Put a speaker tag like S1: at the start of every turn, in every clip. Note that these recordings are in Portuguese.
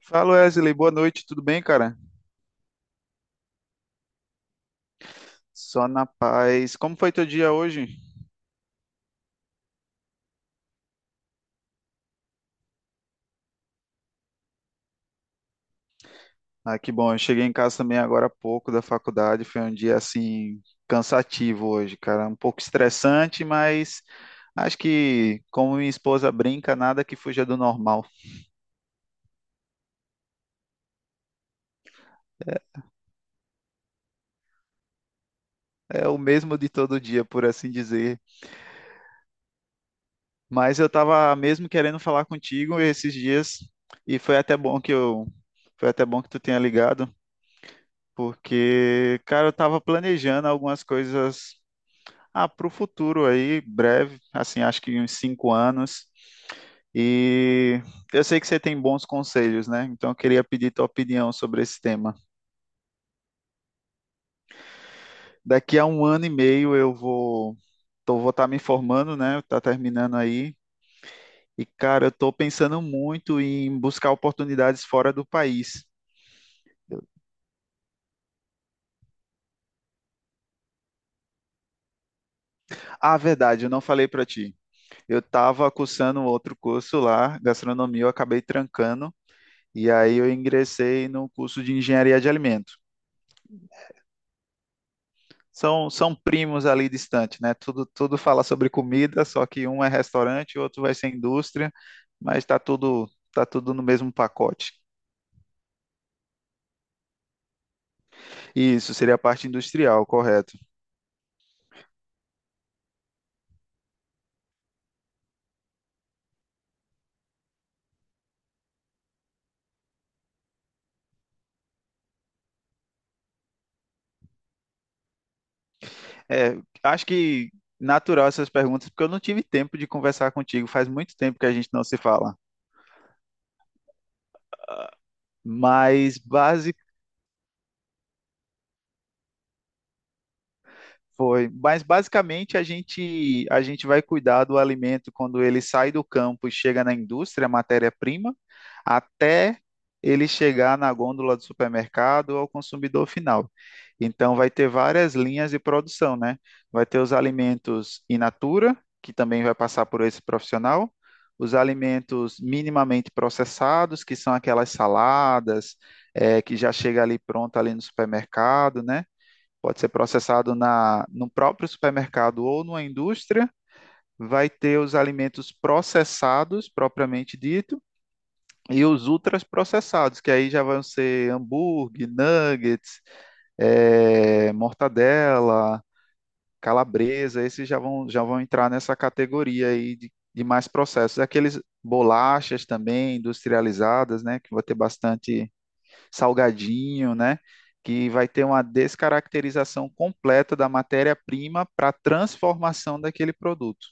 S1: Fala Wesley, boa noite, tudo bem, cara? Só na paz. Como foi teu dia hoje? Ah, que bom, eu cheguei em casa também agora há pouco da faculdade, foi um dia assim cansativo hoje, cara, um pouco estressante, mas acho que como minha esposa brinca, nada que fuja do normal. É o mesmo de todo dia, por assim dizer. Mas eu tava mesmo querendo falar contigo esses dias e foi até bom que tu tenha ligado, porque, cara, eu tava planejando algumas coisas para o futuro aí, breve, assim, acho que uns 5 anos. E eu sei que você tem bons conselhos, né? Então eu queria pedir tua opinião sobre esse tema. Daqui a 1 ano e meio eu vou estar me formando, né? Tá terminando aí. E, cara, eu tô pensando muito em buscar oportunidades fora do país. Ah, verdade, eu não falei para ti. Eu tava cursando outro curso lá, gastronomia, eu acabei trancando. E aí eu ingressei no curso de engenharia de alimento. São primos ali distantes, né? Tudo fala sobre comida, só que um é restaurante, o outro vai ser indústria, mas tá tudo no mesmo pacote. Isso seria a parte industrial, correto. É, acho que natural essas perguntas, porque eu não tive tempo de conversar contigo, faz muito tempo que a gente não se fala. Mas base mas basicamente a gente vai cuidar do alimento quando ele sai do campo e chega na indústria, matéria-prima, até ele chegar na gôndola do supermercado ou ao consumidor final. Então vai ter várias linhas de produção, né? Vai ter os alimentos in natura, que também vai passar por esse profissional, os alimentos minimamente processados, que são aquelas saladas, que já chega ali pronta ali no supermercado, né? Pode ser processado no próprio supermercado ou numa indústria, vai ter os alimentos processados, propriamente dito, e os ultraprocessados, que aí já vão ser hambúrguer, nuggets, mortadela, calabresa, esses já vão entrar nessa categoria aí de mais processos. Aqueles bolachas também industrializadas, né, que vai ter bastante salgadinho, né? Que vai ter uma descaracterização completa da matéria-prima para a transformação daquele produto.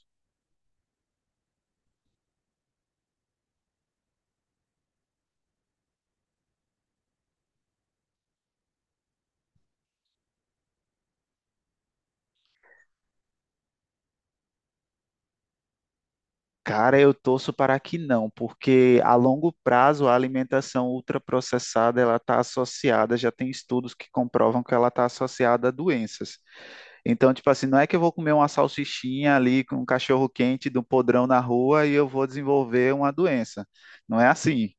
S1: Cara, eu torço para que não, porque a longo prazo a alimentação ultraprocessada ela está associada, já tem estudos que comprovam que ela está associada a doenças. Então, tipo assim, não é que eu vou comer uma salsichinha ali com um cachorro quente do podrão na rua e eu vou desenvolver uma doença. Não é assim.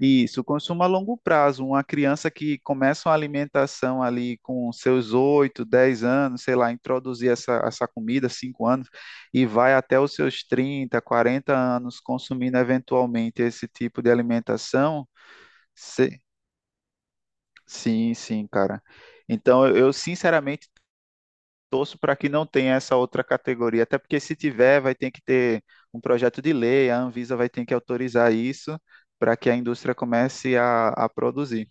S1: Isso, consumo a longo prazo. Uma criança que começa uma alimentação ali com seus 8, 10 anos, sei lá, introduzir essa comida, 5 anos, e vai até os seus 30, 40 anos consumindo eventualmente esse tipo de alimentação. se- Sim, sim, cara. Então, eu sinceramente torço para que não tenha essa outra categoria, até porque se tiver, vai ter que ter um projeto de lei, a Anvisa vai ter que autorizar isso para que a indústria comece a produzir.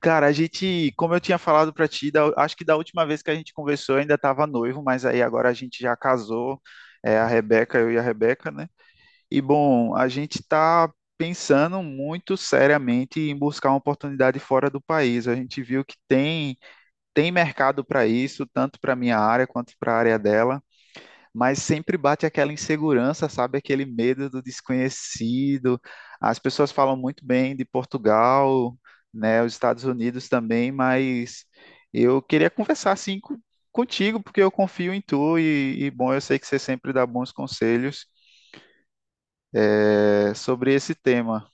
S1: Cara, a gente, como eu tinha falado pra ti, acho que da última vez que a gente conversou eu ainda estava noivo, mas aí agora a gente já casou, eu e a Rebeca, né? E bom, a gente está pensando muito seriamente em buscar uma oportunidade fora do país. A gente viu que tem mercado para isso, tanto para minha área quanto para a área dela. Mas sempre bate aquela insegurança, sabe? Aquele medo do desconhecido. As pessoas falam muito bem de Portugal, né? Os Estados Unidos também, mas eu queria conversar assim contigo, porque eu confio em tu e, bom, eu sei que você sempre dá bons conselhos sobre esse tema.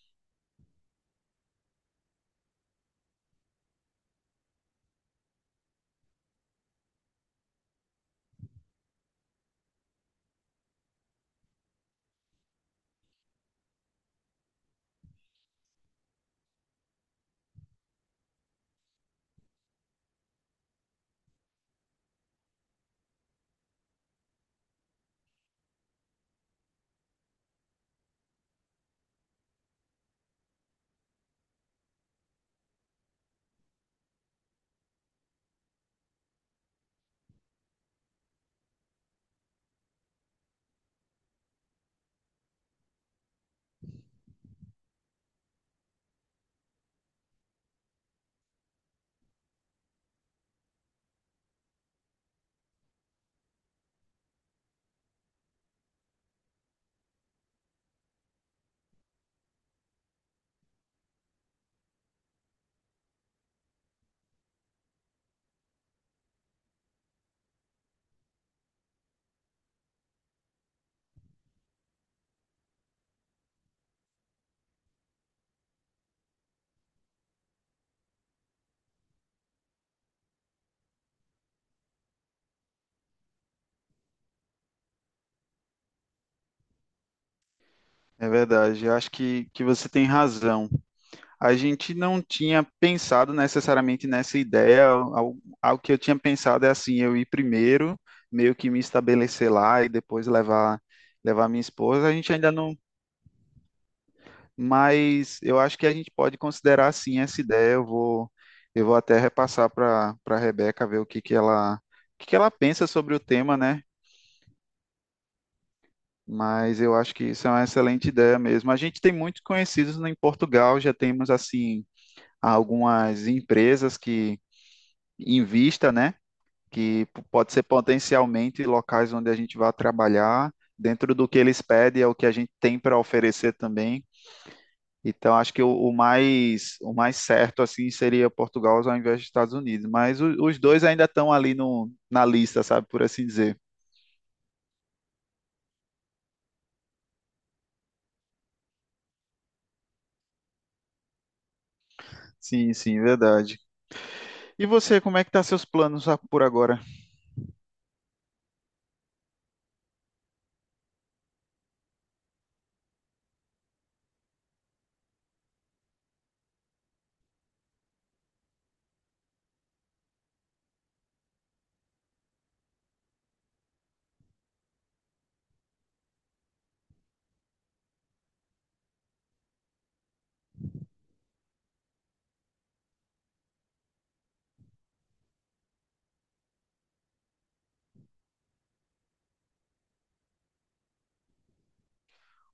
S1: É verdade, eu acho que você tem razão. A gente não tinha pensado necessariamente nessa ideia. Algo que eu tinha pensado é assim, eu ir primeiro, meio que me estabelecer lá e depois levar minha esposa. A gente ainda não, mas eu acho que a gente pode considerar sim essa ideia. Eu vou até repassar para Rebeca ver o que que ela pensa sobre o tema, né? Mas eu acho que isso é uma excelente ideia mesmo. A gente tem muitos conhecidos em Portugal, já temos assim algumas empresas que em vista, né? Que pode ser potencialmente locais onde a gente vai trabalhar, dentro do que eles pedem, é o que a gente tem para oferecer também. Então, acho que o mais certo assim seria Portugal ao invés dos Estados Unidos, mas os dois ainda estão ali no, na lista, sabe, por assim dizer. Sim, sim, verdade. E você, como é que tá seus planos por agora?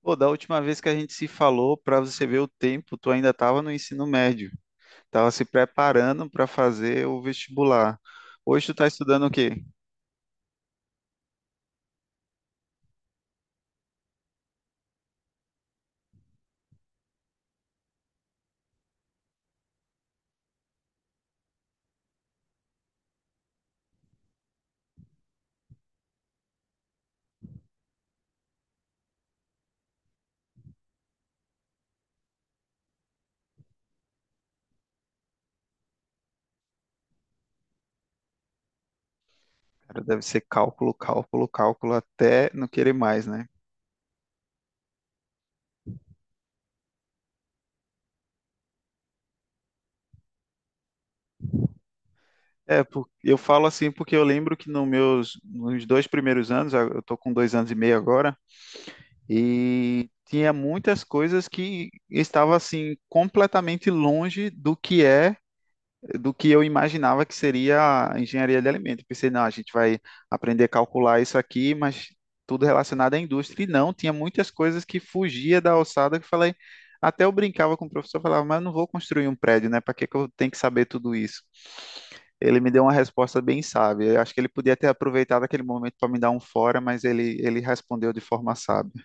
S1: Pô, da última vez que a gente se falou, para você ver o tempo, tu ainda estava no ensino médio. Estava se preparando para fazer o vestibular. Hoje tu está estudando o quê? Cara, deve ser cálculo, cálculo, cálculo, até não querer mais, né? É, eu falo assim porque eu lembro que nos 2 primeiros anos, eu tô com 2 anos e meio agora, e tinha muitas coisas que estava assim completamente longe do que eu imaginava que seria a engenharia de alimentos. Pensei, não, a gente vai aprender a calcular isso aqui, mas tudo relacionado à indústria. E não, tinha muitas coisas que fugia da alçada que eu falei. Até eu brincava com o professor, falava, mas eu não vou construir um prédio, né? Para que que eu tenho que saber tudo isso? Ele me deu uma resposta bem sábia. Eu acho que ele podia ter aproveitado aquele momento para me dar um fora, mas ele respondeu de forma sábia.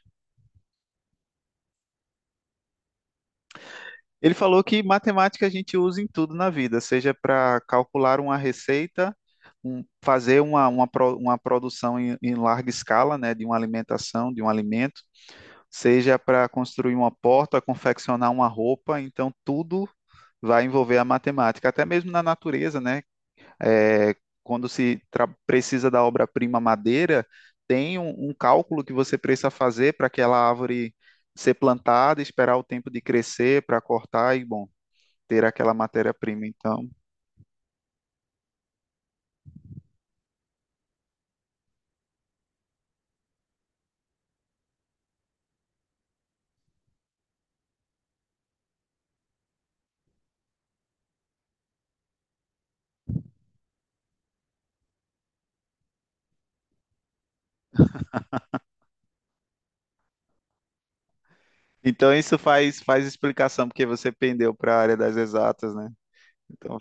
S1: Ele falou que matemática a gente usa em tudo na vida, seja para calcular uma receita, um- fazer uma, pro- uma produção em larga escala, né, de uma alimentação, de um alimento, seja para construir uma porta, confeccionar uma roupa, então tudo vai envolver a matemática, até mesmo na natureza, né? É, quando se tra- precisa da obra-prima madeira, tem um cálculo que você precisa fazer para aquela árvore ser plantada, esperar o tempo de crescer para cortar e bom ter aquela matéria-prima, então. Então isso faz explicação porque você pendeu para a área das exatas, né? Então,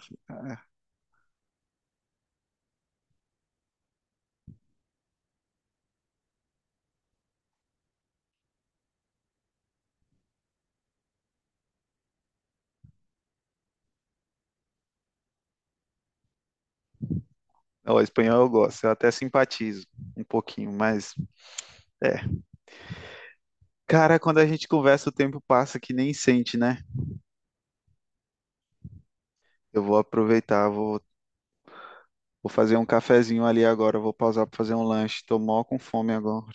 S1: o espanhol eu gosto, eu até simpatizo um pouquinho, mas é. Cara, quando a gente conversa, o tempo passa que nem sente, né? Eu vou aproveitar, vou fazer um cafezinho ali agora, vou pausar para fazer um lanche. Tô mó com fome agora.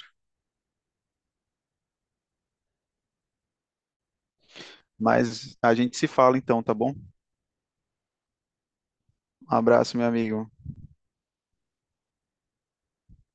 S1: Mas a gente se fala então, tá bom? Um abraço, meu amigo.